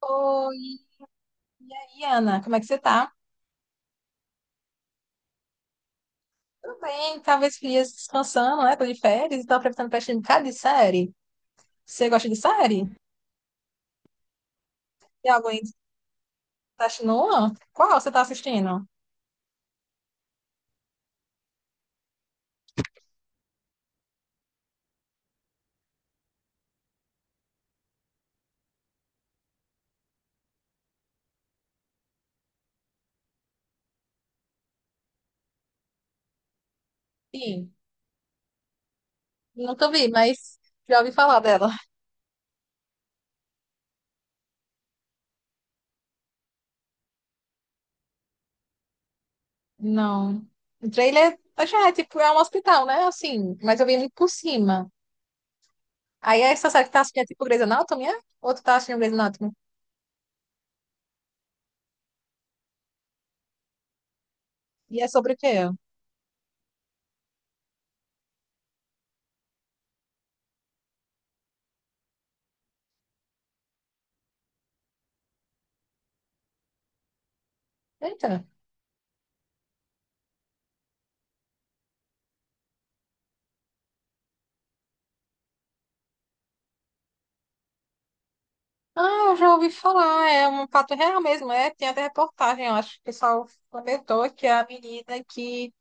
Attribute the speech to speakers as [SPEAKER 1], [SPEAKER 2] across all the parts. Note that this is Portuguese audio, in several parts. [SPEAKER 1] Oi, e aí, Ana, como é que você tá? Tudo bem, talvez dias descansando, né? Tô de férias e tô aproveitando pra assistir um bocado de série. Você gosta de série? Tem alguém que você tá assistindo uma? Qual você tá assistindo? Sim, nunca vi, mas já ouvi falar dela. Não. O trailer, já é tipo, é um hospital, né? Assim, mas eu vi muito por cima. Aí essa série que tá assistindo é tipo Grey's Anatomy, é? Ou tu tá assistindo Grey's Anatomy? E é sobre o quê? Eita. Ah, eu já ouvi falar, é um fato real mesmo, é. Tem até reportagem, eu acho que o pessoal comentou que a menina que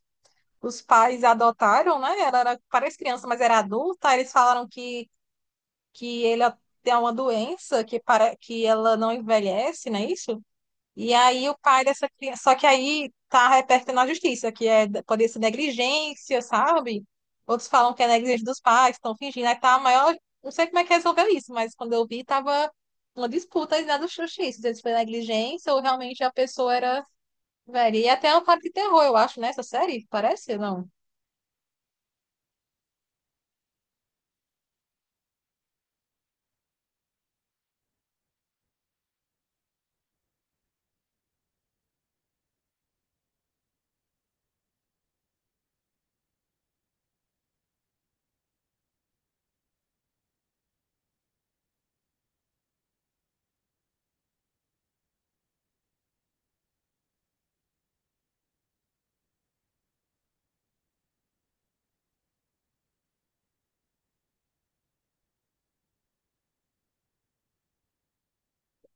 [SPEAKER 1] os pais adotaram, né? Ela era, parece criança, mas era adulta, eles falaram que ele tem uma doença que, para, que ela não envelhece, não é isso? E aí o pai dessa criança, só que aí tá repercutindo na justiça, que é pode ser negligência, sabe? Outros falam que é negligência dos pais, estão fingindo, aí tá a maior, não sei como é que resolveu isso, mas quando eu vi tava uma disputa aí na do justiça, se foi negligência ou realmente a pessoa era velha. E até é uma parte de terror, eu acho, nessa série, parece, não?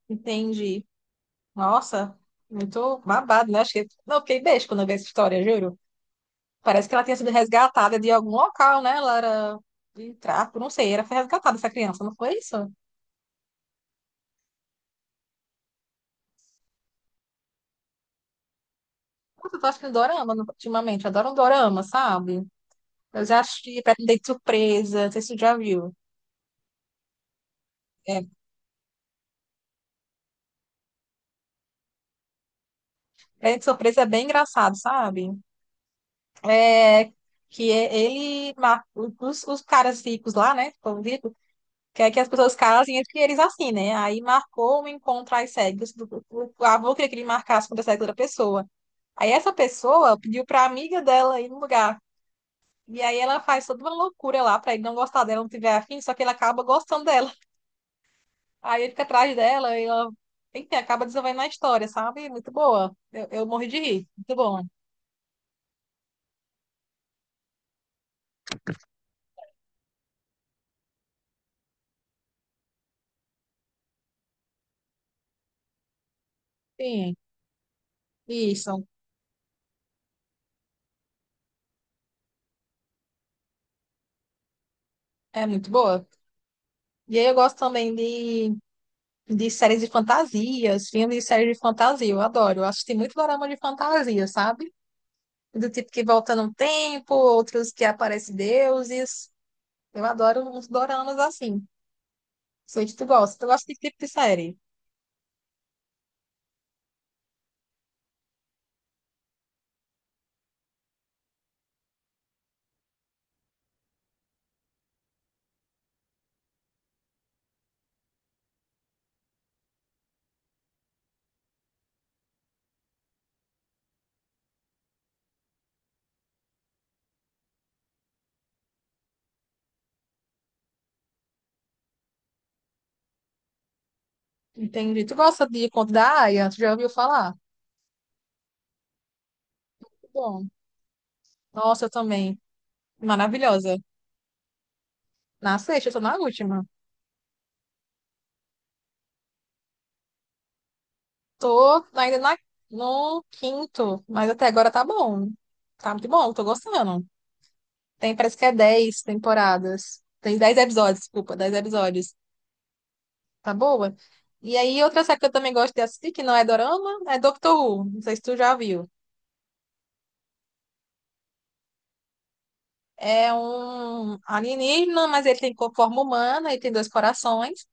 [SPEAKER 1] Entendi. Nossa, muito babado, né? Acho que não fiquei beijo quando eu vi essa história, juro. Parece que ela tinha sido resgatada de algum local, né? Ela era de tráfico, não sei, era foi resgatada essa criança, não foi isso? Nossa, eu tô achando dorama no- ultimamente, eu adoro um dorama, sabe? Eu já assisti Pretendente Surpresa, não sei se você já viu. É, Pretendente Surpresa é bem engraçado, sabe? É, que é- ele, ma- os caras ricos lá, né? O povo rico, quer que as pessoas casem entre eles assim, né? Aí marcou um encontro às cegas, do- o avô queria que ele marcasse com a cega da outra pessoa. Aí essa pessoa pediu pra amiga dela ir no lugar. E aí ela faz toda uma loucura lá pra ele não gostar dela, não tiver afim, só que ele acaba gostando dela. Aí ele fica atrás dela e ela, enfim, acaba desenvolvendo a história, sabe? Muito boa. Eu morri de rir. Muito bom. Sim, isso. É muito boa. E aí eu gosto também de séries de fantasias, filmes e séries de fantasia. Eu adoro. Eu assisti muito dorama de fantasia, sabe? Do tipo que volta no tempo, outros que aparecem deuses. Eu adoro uns doramas assim. Sei que tu gosta. Tu gosta de que tipo de série? Entendi. Tu gosta de Conto da Aia? Tu já ouviu falar? Muito bom. Nossa, eu também. Maravilhosa. Na sexta, eu tô na última. Tô ainda na, no quinto, mas até agora tá bom. Tá muito bom, tô gostando. Tem, parece que é 10 temporadas. Tem 10 episódios, desculpa, 10 episódios. Tá boa? E aí, outra série que eu também gosto de assistir, que não é dorama, é Doctor Who. Não sei se tu já viu. É um alienígena, mas ele tem co- forma humana, ele tem 2 corações.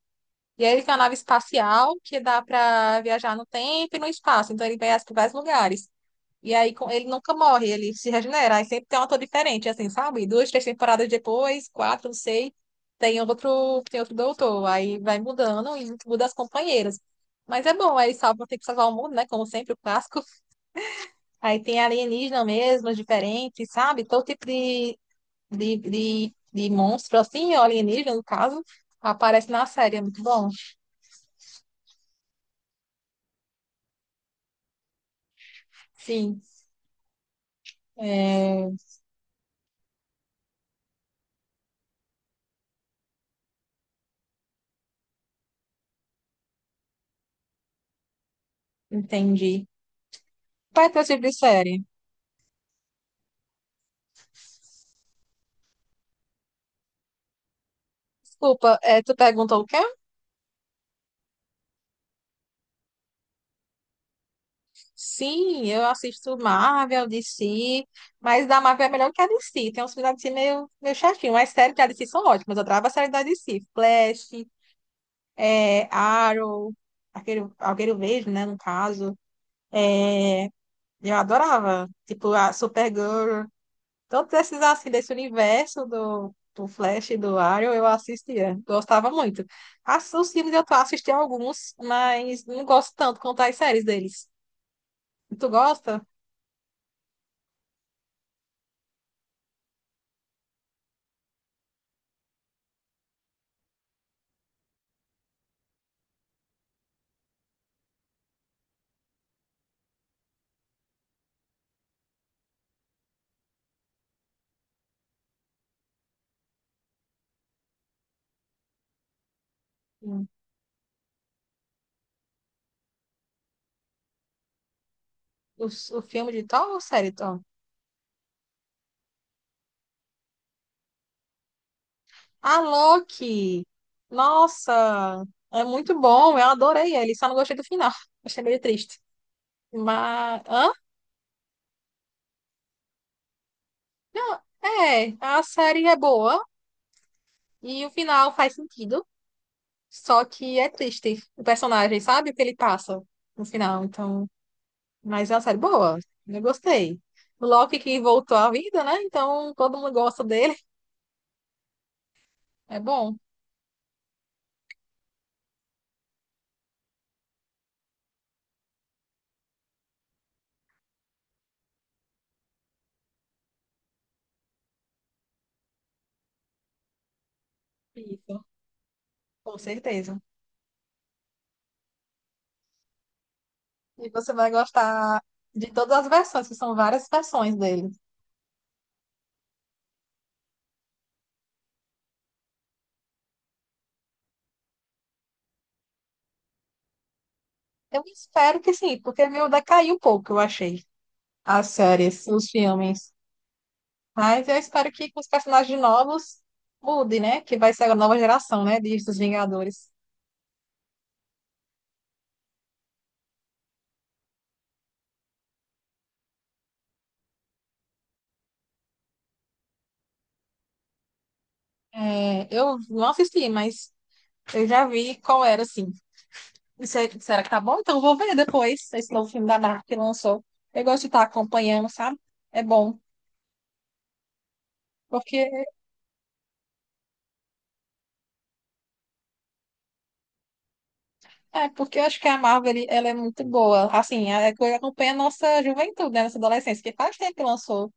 [SPEAKER 1] E aí ele tem uma nave espacial que dá para viajar no tempo e no espaço. Então ele vai para vários lugares. E aí com- ele nunca morre, ele se regenera. Aí sempre tem um ator diferente, assim, sabe? Duas, três temporadas depois, quatro, não sei. Tem outro doutor. Aí vai mudando e muda as companheiras. Mas é bom, aí salva, tem que salvar o mundo, né? Como sempre, o clássico. Aí tem alienígena mesmo, diferente, sabe? Todo tipo de de monstro, assim, ou alienígena, no caso, aparece na série. É muito bom. Sim, é, entendi. Qual é teu tipo de série? Desculpa, é, tu perguntou o quê? Sim, eu assisto Marvel, DC, mas da Marvel é melhor que a DC. Tem uns filmes da DC meio, meio chatinho, mas séries da DC são ótimas. Eu adoro a série da DC. Flash, é, Arrow, aquele, aquele vejo, né, no caso. É, eu adorava. Tipo, a Supergirl. Todos esses, assim, desse universo do, do Flash e do Arrow, eu assistia. Gostava muito. As- Os filmes eu tô assistindo alguns, mas não gosto tanto quanto as séries deles. Tu gosta? Hum. O filme de Thor ou série Thor? A Loki! Nossa! É muito bom, eu adorei ele, só não gostei do final. Achei meio triste. Mas... Hã? Não, é, a série é boa e o final faz sentido. Só que é triste o personagem, sabe? O que ele passa no final. Então, mas é uma série boa. Eu gostei. O Loki que voltou à vida, né? Então todo mundo gosta dele. É bom. Isso, com certeza. E você vai gostar de todas as versões, que são várias versões dele. Eu espero que sim, porque meu decaiu um pouco, eu achei. As séries, os filmes. Mas eu espero que com os personagens novos mude, né? Que vai ser a nova geração, né? De dos Vingadores. É, eu não assisti, mas eu já vi qual era, assim. E se- Será que tá bom? Então eu vou ver depois esse novo filme da Marvel que lançou. Eu gosto de estar acompanhando, sabe? É bom. Porque, é, porque eu acho que a Marvel, ele- ela é muito boa. Assim, é é que acompanha a nossa juventude, né? Nossa adolescência, que faz tempo que lançou.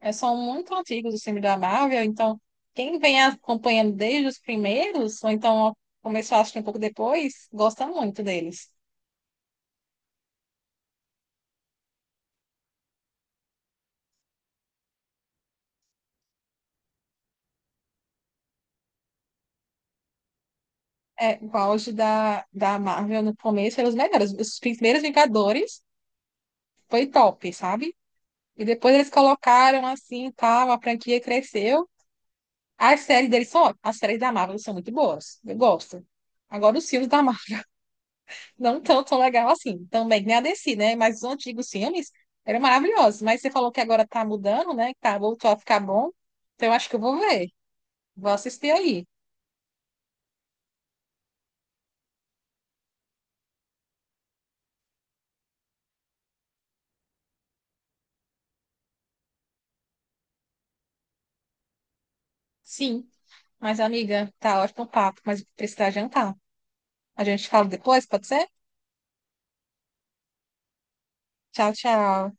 [SPEAKER 1] É, são muito antigos os filmes da Marvel, então quem vem acompanhando desde os primeiros, ou então começou a assistir um pouco depois, gosta muito deles. É, o auge da, da Marvel no começo eram os melhores. Os primeiros Vingadores foi top, sabe? E depois eles colocaram assim tal, a franquia cresceu. As séries deles são ótimas. As séries da Marvel são muito boas. Eu gosto. Agora, os filmes da Marvel não tão tão legal assim. Também nem a DC, né? Mas os antigos filmes eram maravilhosos. Mas você falou que agora tá mudando, né? Que tá, voltou a ficar bom. Então, eu acho que eu vou ver. Vou assistir aí. Sim. Mas, amiga, tá ótimo o papo, mas precisa jantar. A gente fala depois, pode ser? Tchau, tchau.